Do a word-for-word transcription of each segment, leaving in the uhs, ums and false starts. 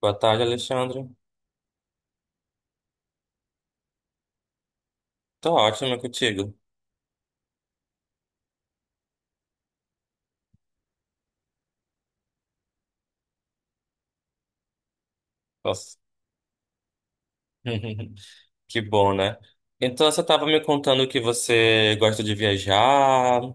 Boa tarde, Alexandre. Tô ótimo, é contigo. Nossa. Que bom, né? Então você estava me contando que você gosta de viajar.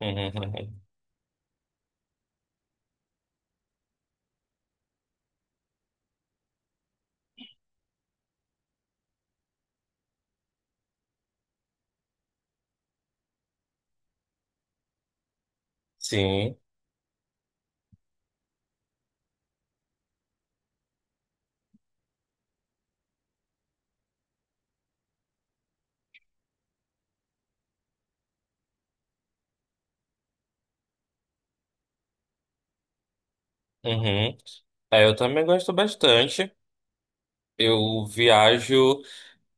Uhum. Sim. Uhum. É, eu também gosto bastante. Eu viajo.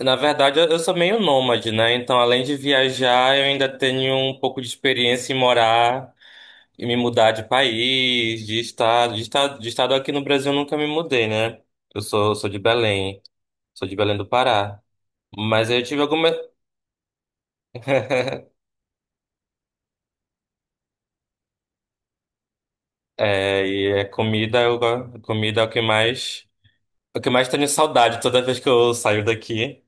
Na verdade, eu eu sou meio nômade, né? Então, além de viajar, eu ainda tenho um pouco de experiência em morar e me mudar de país, de estado. De estado, de estado aqui no Brasil eu nunca me mudei, né? Eu sou, sou de Belém. Sou de Belém do Pará. Mas eu tive alguma. É, e é comida, eu, go- comida é o que mais. É o que mais tenho saudade toda vez que eu saio daqui.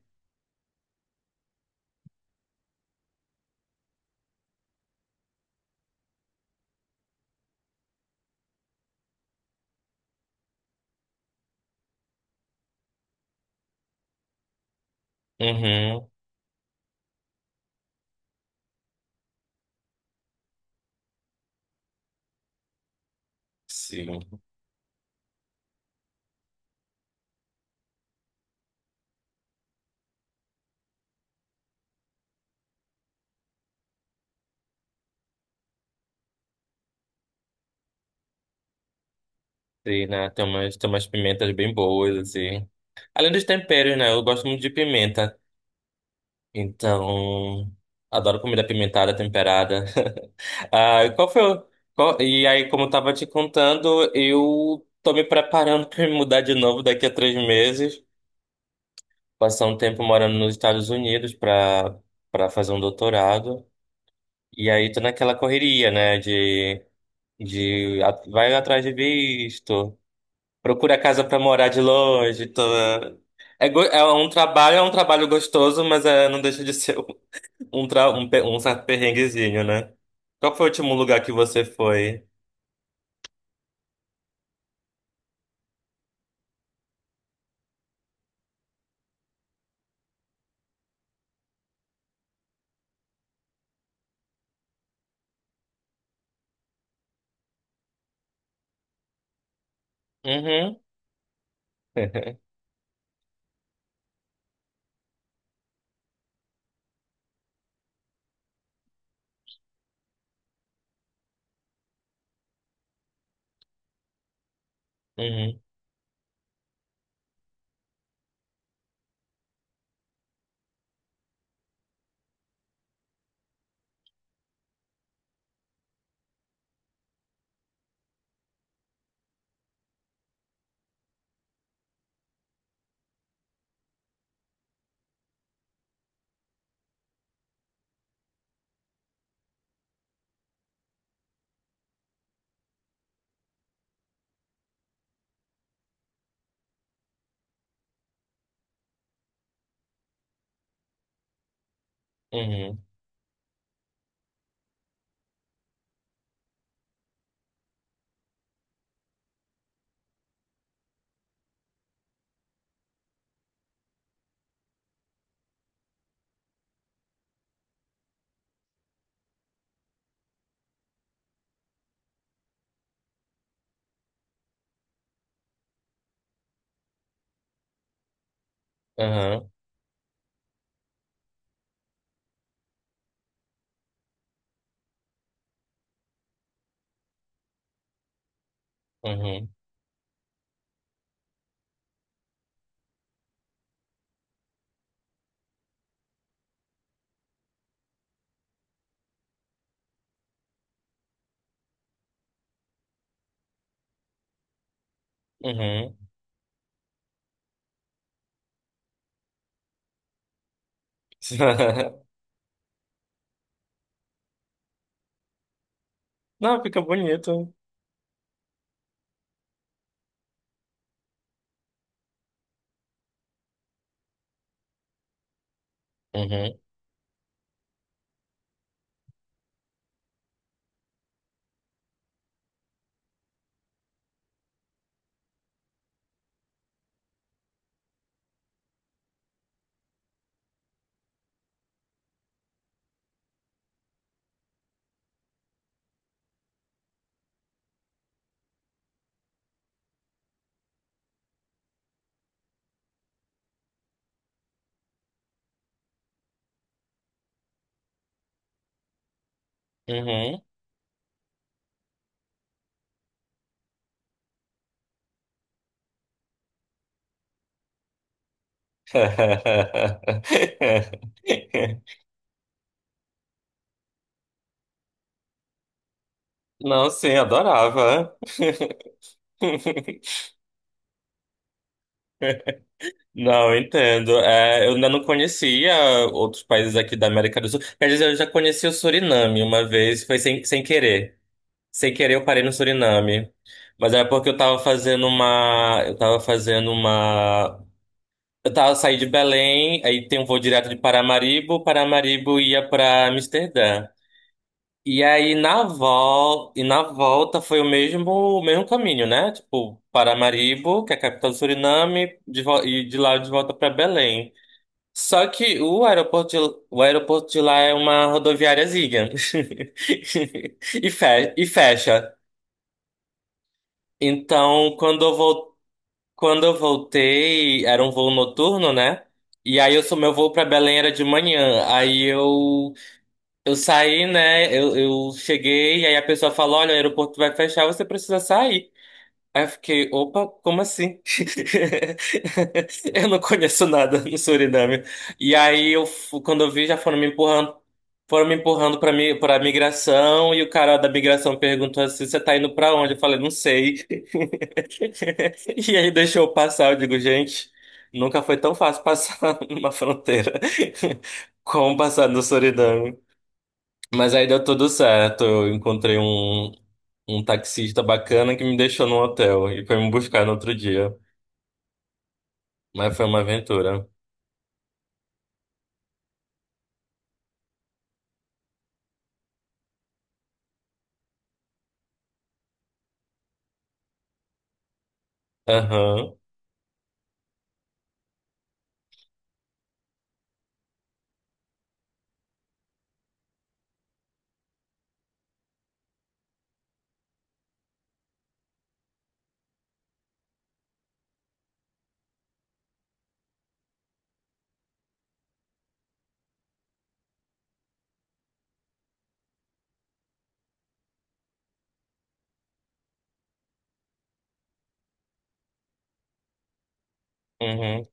Uhum. Sim. Sim, né? Tem umas, tem umas pimentas bem boas, assim. Além dos temperos, né? Eu gosto muito de pimenta. Então. Adoro comida pimentada, temperada. Ah, e qual foi o... qual- E aí, como eu tava te contando, eu tô me preparando pra me mudar de novo daqui a três meses. Passar um tempo morando nos Estados Unidos para para fazer um doutorado. E aí tô naquela correria, né, de de a- vai atrás de visto, procura casa para morar de longe, tô. É, go- é um trabalho, é um trabalho gostoso, mas é, não deixa de ser um, tra... um, pe- um certo perrenguezinho, né? Qual foi o último lugar que você foi? Uhum. Uhum. Uhum. Uhum. Uhum. Uhum. Não, fica bonito. Uhum. Uhum. Não, sim, adorava. Não, eu entendo. É, eu ainda não conhecia outros países aqui da América do Sul. Quer dizer, eu já conheci o Suriname uma vez, foi sem, sem querer. Sem querer, eu parei no Suriname. Mas era porque eu tava fazendo uma. Eu tava fazendo uma. Eu tava saindo de Belém, aí tem um voo direto de Paramaribo, Paramaribo ia pra Amsterdã. E aí na vol e na volta foi o mesmo o mesmo caminho, né? Tipo, Paramaribo, que é a capital do Suriname, de vo- e de lá de volta para Belém. Só que o aeroporto de, o aeroporto de lá é uma rodoviáriazinha. E fe- e fecha. Então, quando eu vol quando eu voltei, era um voo noturno, né? E aí eu sou meu voo para Belém era de manhã. Aí eu Eu saí, né? Eu, eu cheguei, e aí a pessoa falou: "Olha, o aeroporto vai fechar, você precisa sair". Aí eu fiquei: "Opa, como assim?" Eu não conheço nada no Suriname. E aí, eu, fu- quando eu vi, já foram me empurrando. Foram me empurrando para mim, para migração, e o cara da migração perguntou assim: "Você tá indo para onde?" Eu falei: "Não sei". E aí deixou eu passar. Eu digo: "Gente, nunca foi tão fácil passar numa fronteira como passar no Suriname". Mas aí deu tudo certo. Eu encontrei um, um taxista bacana que me deixou no hotel e foi me buscar no outro dia. Mas foi uma aventura. Aham. Uhum.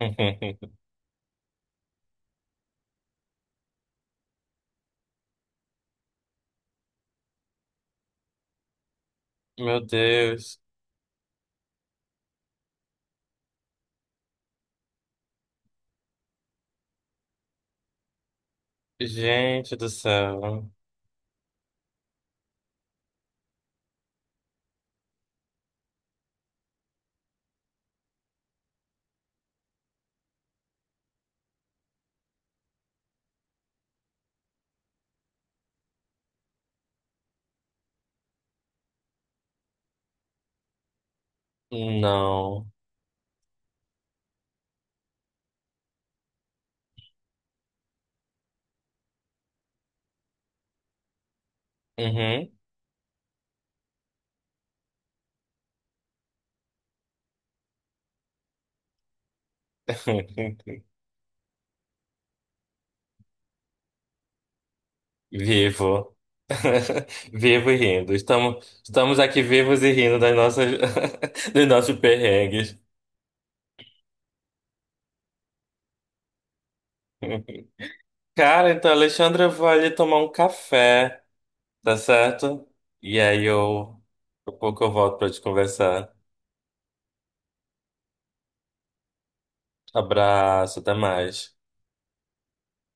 Meu Deus. Gente do céu. Não. Uhum. Vivo. Vivo e rindo. Estamos, estamos aqui vivos e rindo das nossas, dos nossos perrengues. Cara, então, Alexandre, eu vou ali tomar um café. Tá certo? E aí eu, daqui a pouco eu volto pra te conversar. Abraço, até mais.